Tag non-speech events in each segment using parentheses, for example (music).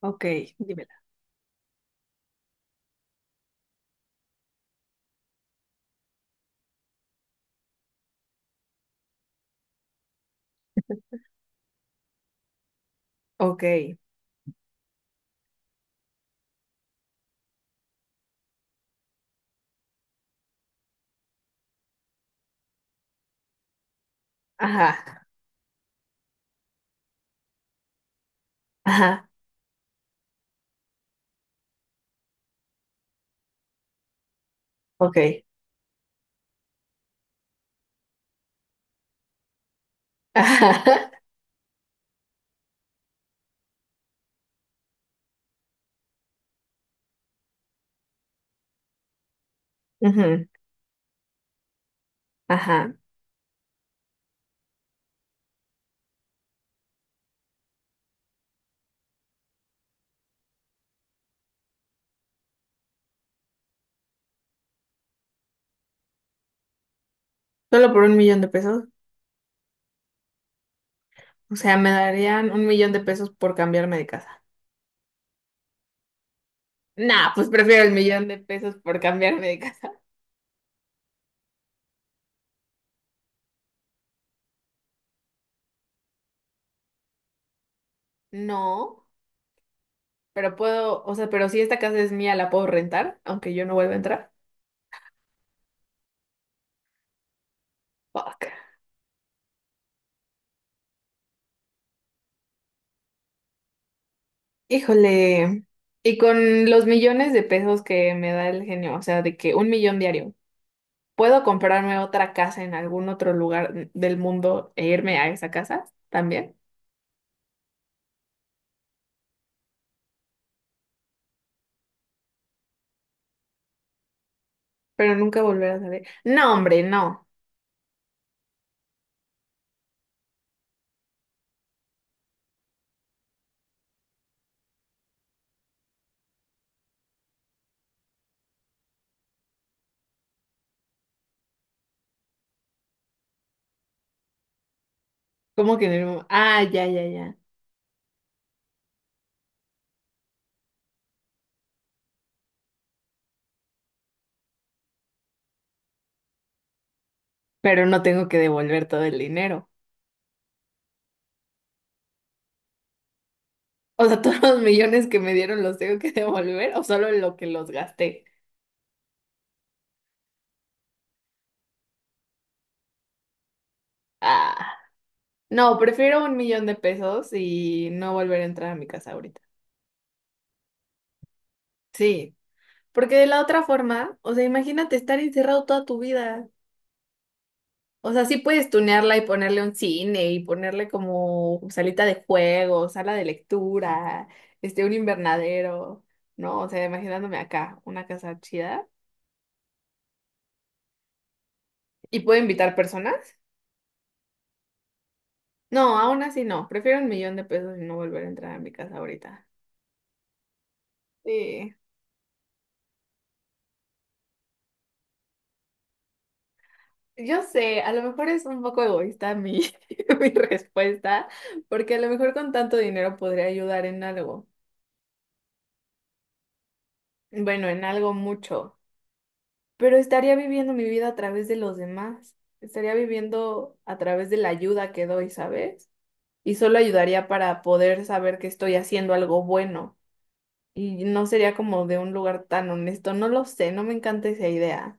Ok, dímela. Ok, ajá, ajá, ok, ajá, (laughs) ujú, ajá. Solo por 1 millón de pesos. O sea, me darían 1 millón de pesos por cambiarme de casa. Nah, pues prefiero el millón de pesos por cambiarme de casa. No, pero puedo, o sea, pero si esta casa es mía, la puedo rentar, aunque yo no vuelva a entrar. Fuck. Híjole. Y con los millones de pesos que me da el genio, o sea, de que 1 millón diario. ¿Puedo comprarme otra casa en algún otro lugar del mundo e irme a esa casa también? Pero nunca volver a saber. No, hombre, no. ¿Cómo que en el ah, ya, ya, ya. Pero no tengo que devolver todo el dinero. O sea, (laughs) todos los millones que me dieron los tengo que devolver o solo lo que los gasté. Ah, no, prefiero 1 millón de pesos y no volver a entrar a mi casa ahorita. Sí, porque de la otra forma, o sea, imagínate estar encerrado toda tu vida. O sea, sí puedes tunearla y ponerle un cine y ponerle como salita de juego, sala de lectura, este, un invernadero, ¿no? O sea, imaginándome acá, una casa chida. ¿Y puedo invitar personas? No, aún así no. Prefiero 1 millón de pesos y no volver a entrar a mi casa ahorita. Sí. Yo sé, a lo mejor es un poco egoísta mi, (laughs) mi respuesta, porque a lo mejor con tanto dinero podría ayudar en algo. Bueno, en algo mucho. Pero estaría viviendo mi vida a través de los demás, estaría viviendo a través de la ayuda que doy, ¿sabes? Y solo ayudaría para poder saber que estoy haciendo algo bueno y no sería como de un lugar tan honesto, no lo sé, no me encanta esa idea.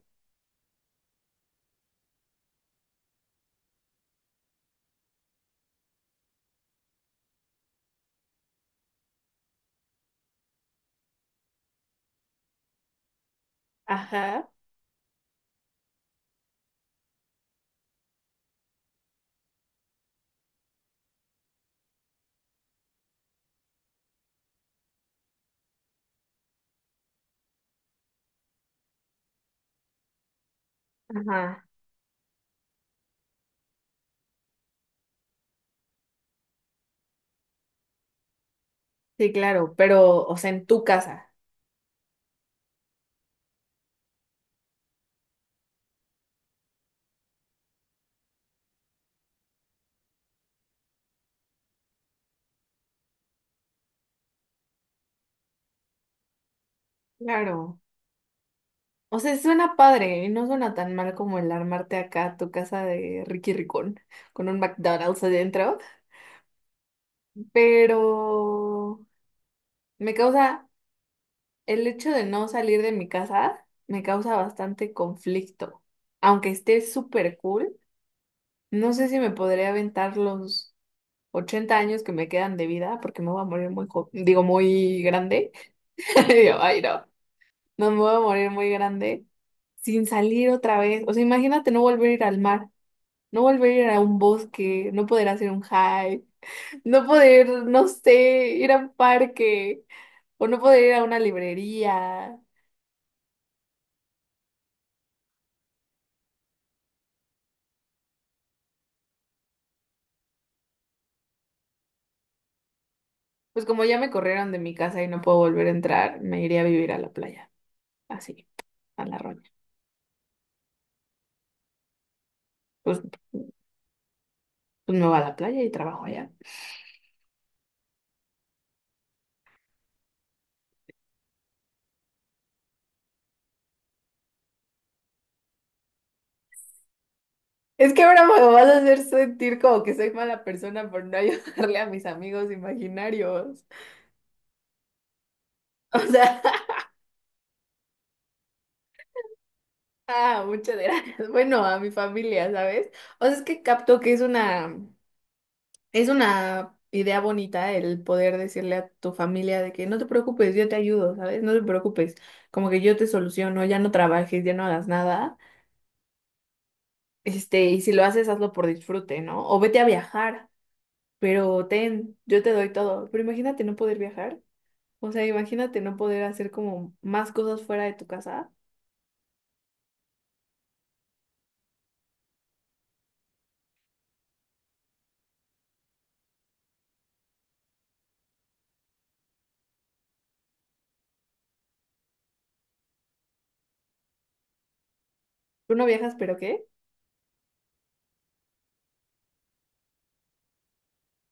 Ajá. Ajá, sí, claro, pero, o sea, en tu casa. Claro. O sea, suena padre y no suena tan mal como el armarte acá tu casa de Ricky Ricón con un McDonald's adentro, pero me causa el hecho de no salir de mi casa, me causa bastante conflicto. Aunque esté súper cool, no sé si me podría aventar los 80 años que me quedan de vida, porque me voy a morir muy muy grande. (laughs) Digo, ay, no, no me voy a morir muy grande sin salir otra vez. O sea, imagínate no volver a ir al mar, no volver a ir a un bosque, no poder hacer un hike, no poder, no sé, ir a un parque o no poder ir a una librería. Pues como ya me corrieron de mi casa y no puedo volver a entrar, me iré a vivir a la playa, así, a la roña. Pues, pues me voy a la playa y trabajo allá. Es que ahora me vas a hacer sentir como que soy mala persona por no (laughs) ayudarle a mis amigos imaginarios. O sea, (laughs) ah, muchas gracias. Bueno, a mi familia, ¿sabes? O sea, es que capto que es una idea bonita, el poder decirle a tu familia de que no te preocupes, yo te ayudo, ¿sabes? No te preocupes, como que yo te soluciono, ya no trabajes, ya no hagas nada. Este, y si lo haces, hazlo por disfrute, ¿no? O vete a viajar, pero ten, yo te doy todo. Pero imagínate no poder viajar. O sea, imagínate no poder hacer como más cosas fuera de tu casa. Tú no viajas, pero ¿qué?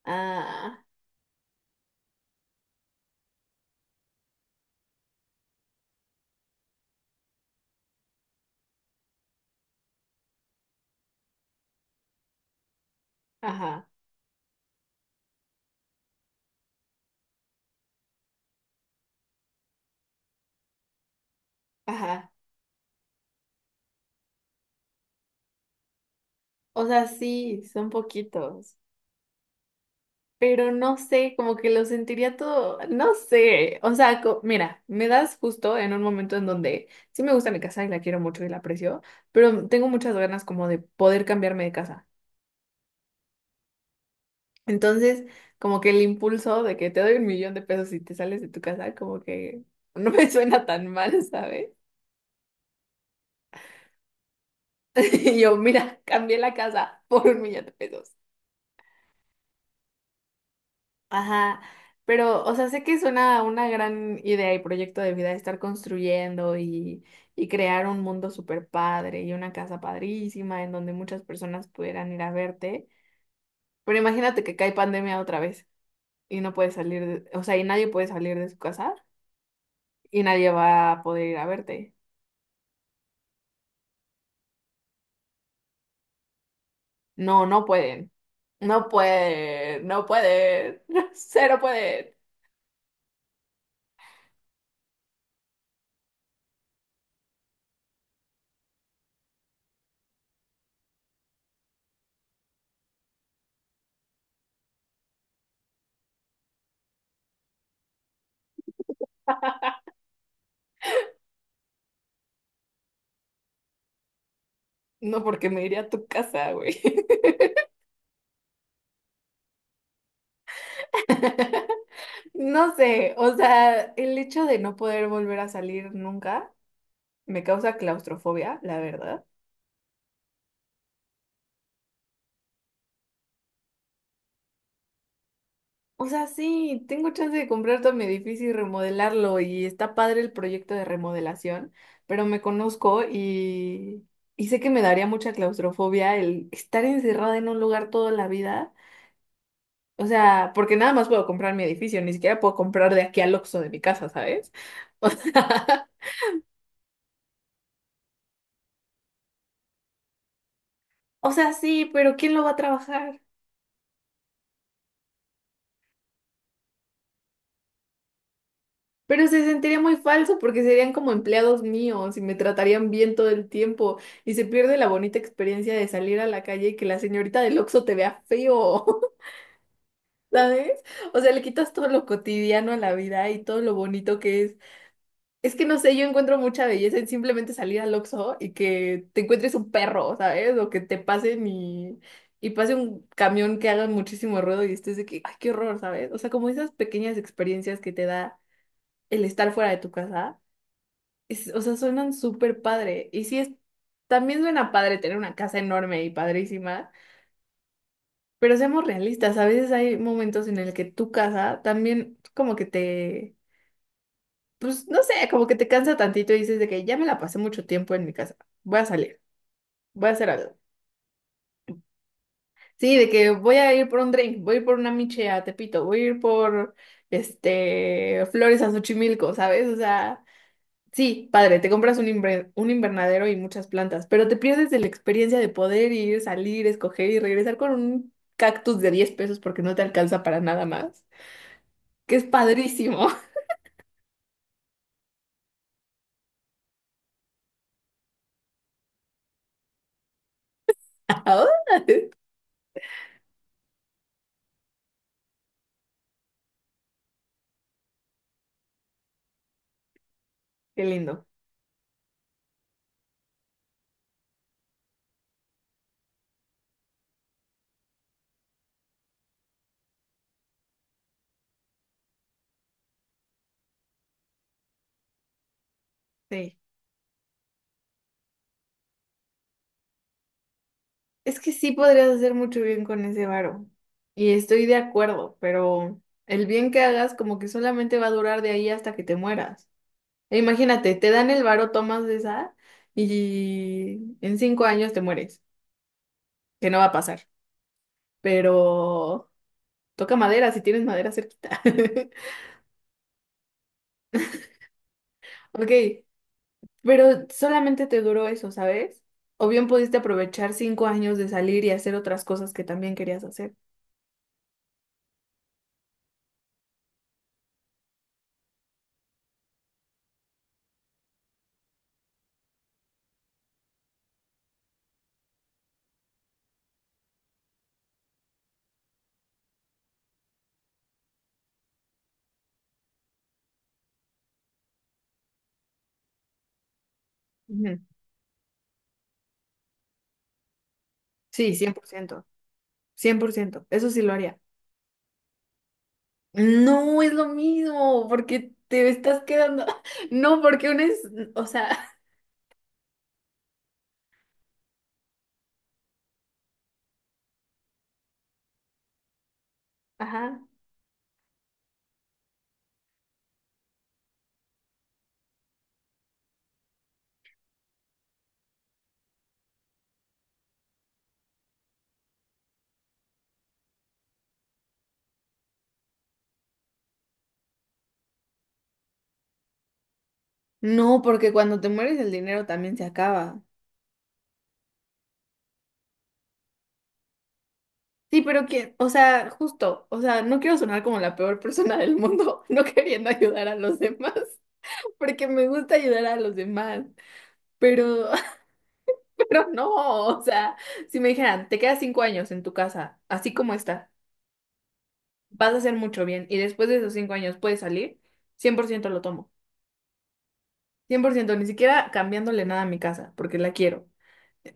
Ah, ajá, ajá. O sea, sí, son poquitos. Pero no sé, como que lo sentiría todo, no sé. O sea, mira, me das justo en un momento en donde sí me gusta mi casa y la quiero mucho y la aprecio, pero tengo muchas ganas como de poder cambiarme de casa. Entonces, como que el impulso de que te doy 1 millón de pesos y te sales de tu casa, como que (laughs) no me suena tan mal, ¿sabes? (laughs) Y yo, mira, cambié la casa por 1 millón de pesos. Ajá, pero, o sea, sé que suena una gran idea y proyecto de vida estar construyendo y crear un mundo súper padre y una casa padrísima en donde muchas personas pudieran ir a verte. Pero imagínate que cae pandemia otra vez y no puedes salir, o sea, y nadie puede salir de su casa y nadie va a poder ir a verte. No, no pueden. No pueden. No pueden. (laughs) Cero pueden. No, porque me iría a tu casa, güey. (laughs) No sé, o sea, el hecho de no poder volver a salir nunca me causa claustrofobia, la verdad. O sea, sí, tengo chance de comprar todo mi edificio y remodelarlo y está padre el proyecto de remodelación, pero me conozco y sé que me daría mucha claustrofobia el estar encerrada en un lugar toda la vida. O sea, porque nada más puedo comprar mi edificio, ni siquiera puedo comprar de aquí al Oxxo de mi casa, ¿sabes? (laughs) O sea, o sea, sí, pero ¿quién lo va a trabajar? Pero se sentiría muy falso porque serían como empleados míos y me tratarían bien todo el tiempo y se pierde la bonita experiencia de salir a la calle y que la señorita del Oxxo te vea feo, (laughs) ¿sabes? O sea, le quitas todo lo cotidiano a la vida y todo lo bonito que es. Es que no sé, yo encuentro mucha belleza en simplemente salir al Oxxo y que te encuentres un perro, ¿sabes? O que te pasen y pase un camión que haga muchísimo ruido y estés de que, ay, qué horror, ¿sabes? O sea, como esas pequeñas experiencias que te da el estar fuera de tu casa, o sea, suenan súper padre. Y sí, es, también suena padre tener una casa enorme y padrísima, pero seamos realistas, a veces hay momentos en el que tu casa también como que te, pues no sé, como que te cansa tantito y dices de que ya me la pasé mucho tiempo en mi casa, voy a salir, voy a hacer algo. Sí, de que voy a ir por un drink, voy a ir por una miche a Tepito, voy a ir por este flores a Xochimilco, ¿sabes? O sea, sí, padre, te compras un, un invernadero y muchas plantas, pero te pierdes de la experiencia de poder ir, salir, escoger y regresar con un cactus de 10 pesos porque no te alcanza para nada más, que es padrísimo. (laughs) Qué lindo. Sí. Es que sí podrías hacer mucho bien con ese varo. Y estoy de acuerdo, pero el bien que hagas como que solamente va a durar de ahí hasta que te mueras. E imagínate, te dan el varo, tomas de esa y en 5 años te mueres, que no va a pasar. Pero toca madera, si tienes madera cerquita. (laughs) Ok, pero solamente te duró eso, ¿sabes? O bien pudiste aprovechar 5 años de salir y hacer otras cosas que también querías hacer. Ujú. Sí, 100%. Cien por ciento. Eso sí lo haría. No es lo mismo, porque te estás quedando. (laughs) No, porque una es, o sea, (laughs) ajá. No, porque cuando te mueres el dinero también se acaba. Sí, pero que, o sea, justo, o sea, no quiero sonar como la peor persona del mundo, (laughs) no queriendo ayudar a los demás, (laughs) porque me gusta ayudar a los demás, pero, (laughs) pero no, o sea, si me dijeran, te quedas 5 años en tu casa, así como está, vas a hacer mucho bien, y después de esos 5 años puedes salir, 100% lo tomo. 100% ni siquiera cambiándole nada a mi casa, porque la quiero.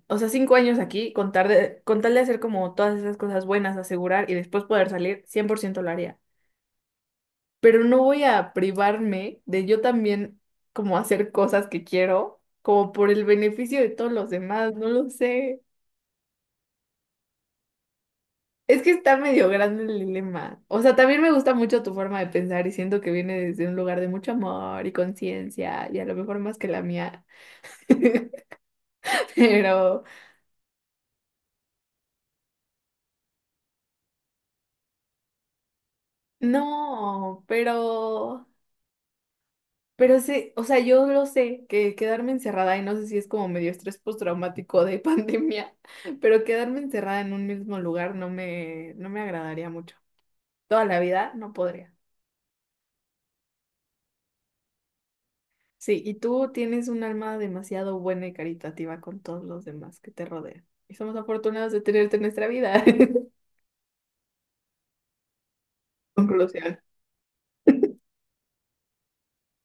O sea, 5 años aquí, con tal de hacer como todas esas cosas buenas, asegurar y después poder salir, 100% lo haría. Pero no voy a privarme de yo también como hacer cosas que quiero, como por el beneficio de todos los demás, no lo sé. Es que está medio grande el dilema. O sea, también me gusta mucho tu forma de pensar y siento que viene desde un lugar de mucho amor y conciencia y a lo mejor más que la mía. (laughs) Pero... No, pero sí, o sea, yo lo sé, que quedarme encerrada, y no sé si es como medio estrés postraumático de (laughs) pandemia, pero quedarme encerrada en un mismo lugar no me agradaría mucho. Toda la vida no podría. Sí, y tú tienes un alma demasiado buena y caritativa con todos los demás que te rodean. Y somos afortunados de tenerte en nuestra vida. (laughs) Conclusión.